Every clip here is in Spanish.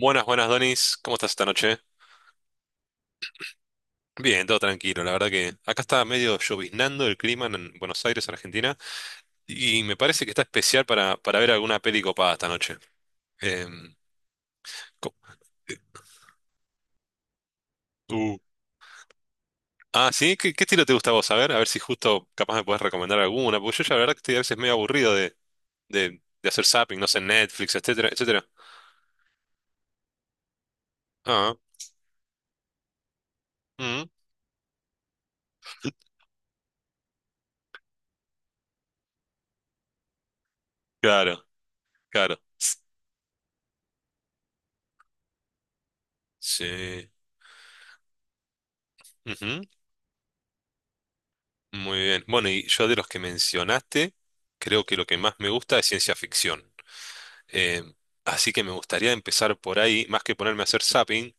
Buenas, buenas, Donis. ¿Cómo estás esta noche? Bien, todo tranquilo. La verdad que acá está medio lloviznando el clima en Buenos Aires, Argentina, y me parece que está especial para ver alguna peli copada esta noche. Em, co- eh, uh, Ah, ¿sí? ¿Qué estilo te gusta a vos? A ver si justo capaz me puedes recomendar alguna, porque yo ya la verdad que estoy a veces medio aburrido de hacer zapping, no sé, Netflix, etcétera, etcétera. Ah, mm, claro, claro. Sí. Muy bien. Bueno, y yo de los que mencionaste, creo que lo que más me gusta es ciencia ficción. Eh, Así que me gustaría empezar por ahí, más que ponerme a hacer zapping,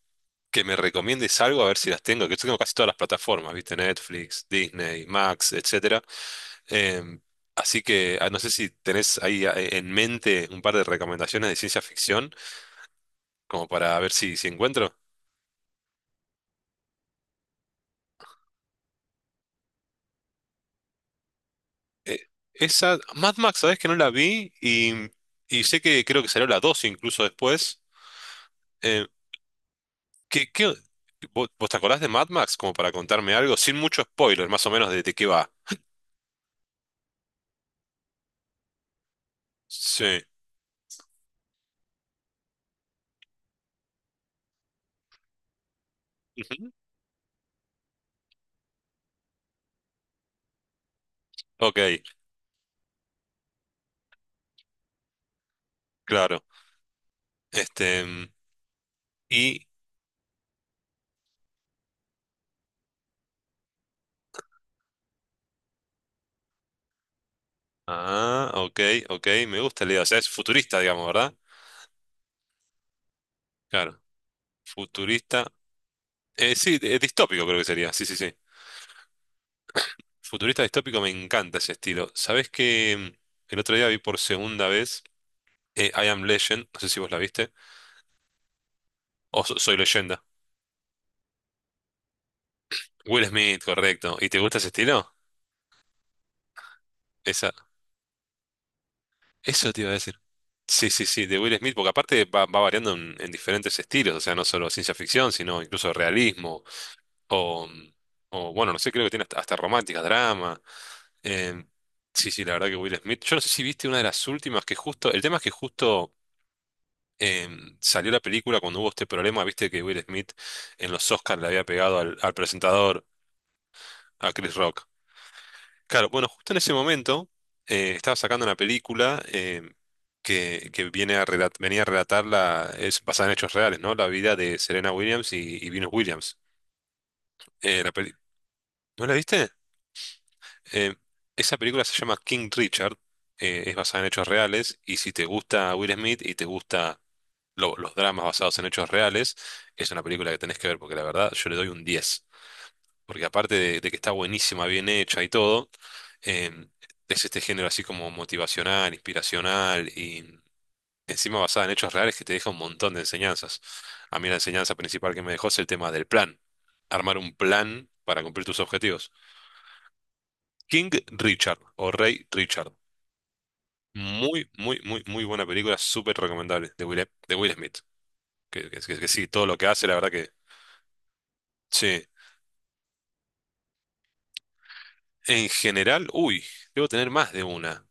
que me recomiendes algo a ver si las tengo, que yo tengo casi todas las plataformas, ¿viste? Netflix, Disney, Max, etcétera. Eh, Así que no sé si tenés ahí en mente un par de recomendaciones de ciencia ficción, como para ver si encuentro. Eh, Esa, Mad Max, ¿sabés que no la vi? Y sé que creo que salió la 2 incluso después. Eh, ¿qué, vos te acordás de Mad Max como para contarme algo? Sin mucho spoiler, más o menos de qué va. Sí. Ujú. Ok, claro. Este, y... Ah, ok, ok, me gusta la idea. O sea, es futurista, digamos, ¿verdad? Claro, futurista. Sí, distópico creo que sería. Sí, sí, sí. Futurista distópico me encanta ese estilo. ¿Sabés que el otro día vi por segunda vez I Am Legend? No sé si vos la viste. O Soy Leyenda. Will Smith, correcto. ¿Y te gusta ese estilo? Esa, eso te iba a decir. Sí, sí, sí, de Will Smith, porque aparte va, va variando en diferentes estilos, o sea, no solo ciencia ficción, sino incluso realismo, o, bueno, no sé, creo que tiene hasta, hasta románticas, drama. em, sí, sí, la verdad que Will Smith, yo no sé si viste una de las últimas que justo, el tema es que justo salió la película cuando hubo este problema, viste que Will Smith en los Oscars le había pegado al presentador, a Chris Rock. Claro, bueno, justo en ese momento estaba sacando una película que viene a venía a relatar la, es basada en hechos reales, ¿no? La vida de Serena Williams y Venus Williams. Eh, la peli- ¿No la viste? Eh, Esa película se llama King Richard, es basada en hechos reales y si te gusta Will Smith y te gusta los dramas basados en hechos reales, es una película que tenés que ver porque la verdad yo le doy un 10. Porque aparte de que está buenísima, bien hecha y todo, em, es este género así como motivacional, inspiracional y encima basada en hechos reales que te deja un montón de enseñanzas. A mí la enseñanza principal que me dejó es el tema del plan, armar un plan para cumplir tus objetivos. King Richard o Rey Richard. Muy, muy, muy, muy buena película, súper recomendable de Will Smith. Que sí, todo lo que hace, la verdad que sí. En general, uy, debo tener más de una.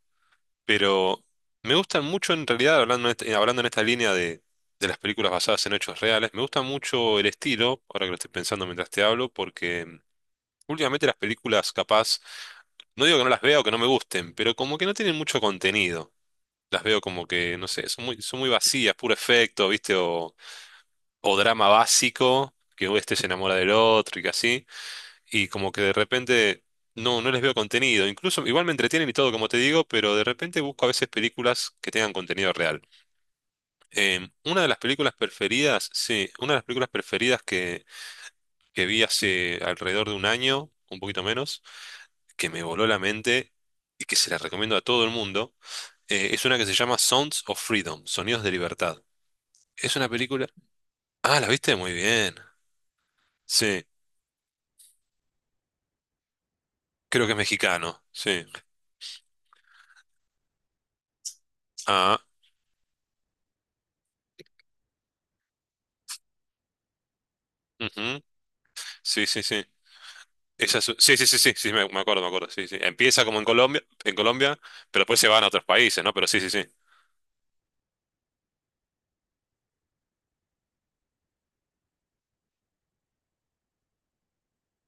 Pero me gustan mucho en realidad, hablando en hablando en esta línea de las películas basadas en hechos reales, me gusta mucho el estilo, ahora que lo estoy pensando mientras te hablo, porque últimamente las películas capaz, no digo que no las vea o que no me gusten, pero como que no tienen mucho contenido. Las veo como que, no sé, son muy vacías, puro efecto, ¿viste? O drama básico, que este se enamora del otro y que así y como que de repente no les veo contenido. Incluso igual me entretienen y todo, como te digo, pero de repente busco a veces películas que tengan contenido real. Una de las películas preferidas que vi hace alrededor de un año, un poquito menos, que me voló la mente y que se la recomiendo a todo el mundo, es una que se llama Sounds of Freedom, Sonidos de Libertad. Es una película... Ah, la viste muy bien. Sí, creo que es mexicano. Sí. Ah, ujú. Sí, sí, sí. Sí, sí, sí, sí, sí, me acuerdo, me acuerdo. Sí, sí. Empieza como en Colombia, pero después se van a otros países, ¿no? Pero sí, sí, sí.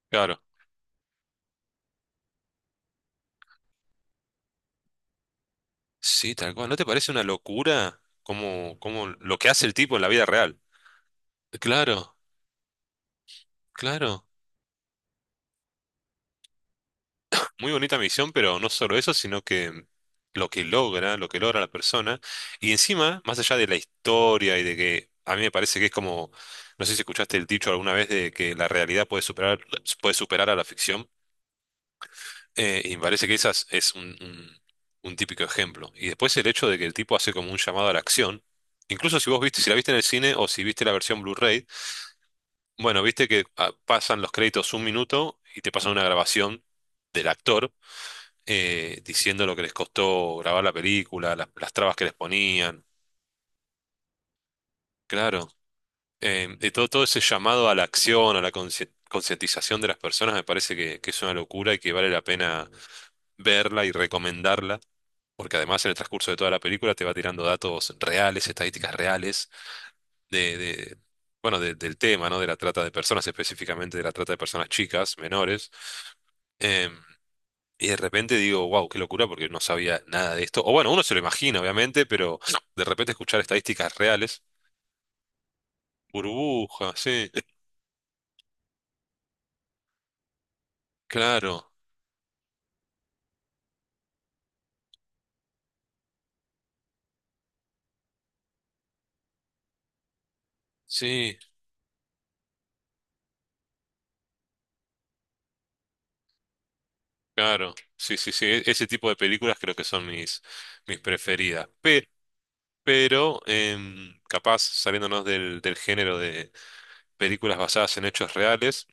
Claro. Sí, tal cual. ¿No te parece una locura como, como lo que hace el tipo en la vida real? Claro, claro. Muy bonita misión, pero no solo eso, sino que lo que logra la persona. Y encima, más allá de la historia y de que a mí me parece que es como, no sé si escuchaste el dicho alguna vez de que la realidad puede superar a la ficción. Y me parece que esas es un típico ejemplo. Y después el hecho de que el tipo hace como un llamado a la acción. Incluso si vos viste, si la viste en el cine o si viste la versión Blu-ray, bueno, viste que pasan los créditos un minuto y te pasan una grabación del actor diciendo lo que les costó grabar la película, las trabas que les ponían. Claro. Todo ese llamado a la acción, a la concientización de las personas, me parece que es una locura y que vale la pena verla y recomendarla porque además en el transcurso de toda la película te va tirando datos reales, estadísticas reales de, de- bueno, del tema, ¿no? De la trata de personas, específicamente de la trata de personas chicas, menores. Em, y de repente digo, wow, qué locura, porque no sabía nada de esto. O bueno, uno se lo imagina, obviamente, pero de repente escuchar estadísticas reales, burbuja, sí, claro, sí, claro, sí, sí, sí. Ese tipo de películas creo que son mis, mis preferidas. Pero capaz saliéndonos del género de películas basadas en hechos reales.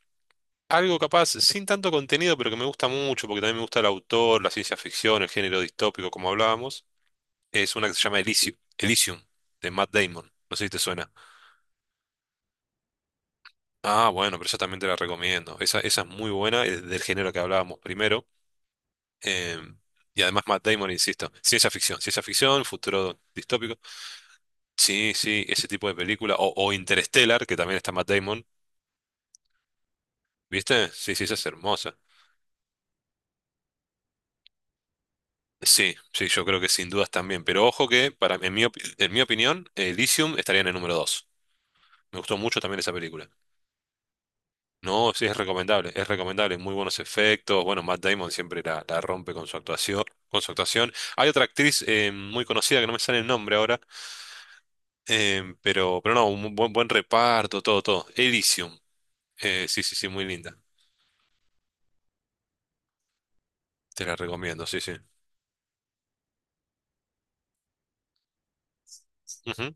Algo capaz, sin tanto contenido, pero que me gusta mucho, porque también me gusta el autor, la ciencia ficción, el género distópico, como hablábamos, es una que se llama Elysium, Elysium, de Matt Damon. No sé si te suena. Ah, bueno, pero esa también te la recomiendo. Esa es muy buena, es del género que hablábamos primero. em, y además Matt Damon, insisto, ciencia ficción, futuro distópico. Sí, sí, ese tipo de película. O Interstellar, que también está Matt Damon. ¿Viste? Sí, sí, esa es hermosa. Sí, sí, yo creo que sin dudas también. Pero ojo que, para, en mi, en mi opinión, Elysium estaría en el número 2. Me gustó mucho también esa película. No, sí, es recomendable, es recomendable. Muy buenos efectos. Bueno, Matt Damon siempre la rompe con su actuación, con su actuación. Hay otra actriz muy conocida que no me sale el nombre ahora, pero no, un buen, buen reparto, todo, todo. Elysium. Sí, sí, sí, muy linda. Te la recomiendo, sí, sí. Ujú.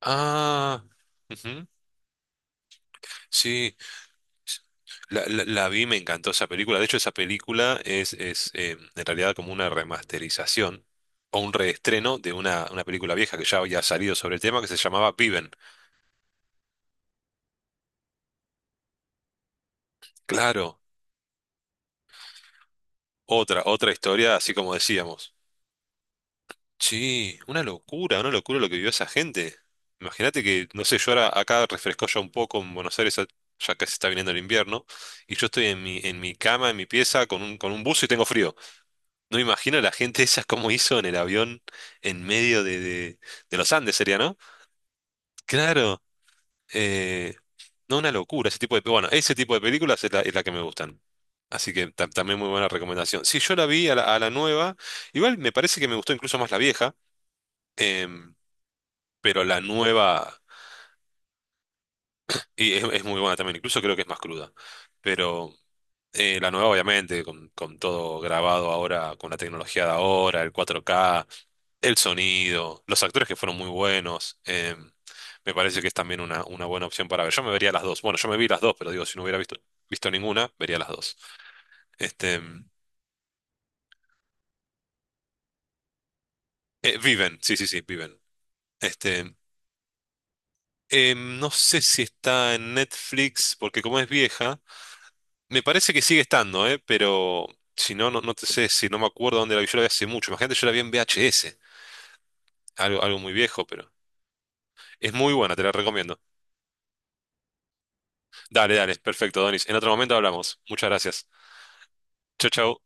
Ah, ujú. Sí, la vi, me encantó esa película. De hecho, esa película es en realidad como una remasterización o un reestreno de una película vieja que ya había salido sobre el tema que se llamaba Viven. Claro, otra, otra historia, así como decíamos. Sí, una locura lo que vivió esa gente. Imagínate que, no sé, yo ahora acá refrescó ya un poco en Buenos Aires, ya que se está viniendo el invierno, y yo estoy en mi cama, en mi pieza, con un buzo y tengo frío. No imagino la gente esa cómo hizo en el avión en medio de los Andes, sería, ¿no? Claro, eh, no una locura, ese tipo de, bueno, ese tipo de películas es la que me gustan. Así que también muy buena recomendación. Sí, yo la vi a a la nueva, igual me parece que me gustó incluso más la vieja, em, pero la nueva y es muy buena también, incluso creo que es más cruda. Pero la nueva, obviamente, con todo grabado ahora, con la tecnología de ahora, el 4K, el sonido, los actores que fueron muy buenos. Me parece que es también una buena opción para ver. Yo me vería las dos. Bueno, yo me vi las dos, pero digo, si no hubiera visto ninguna, vería las dos. Este, Viven, sí, sí, sí, Viven. Este, no sé si está en Netflix, porque como es vieja, me parece que sigue estando, pero si no, te sé si no me acuerdo dónde la vi. Yo la vi hace mucho. Imagínate, yo la vi en VHS. Algo, algo muy viejo, pero es muy buena, te la recomiendo. Dale, dale, perfecto, Donis. En otro momento hablamos. Muchas gracias. Chau, chau.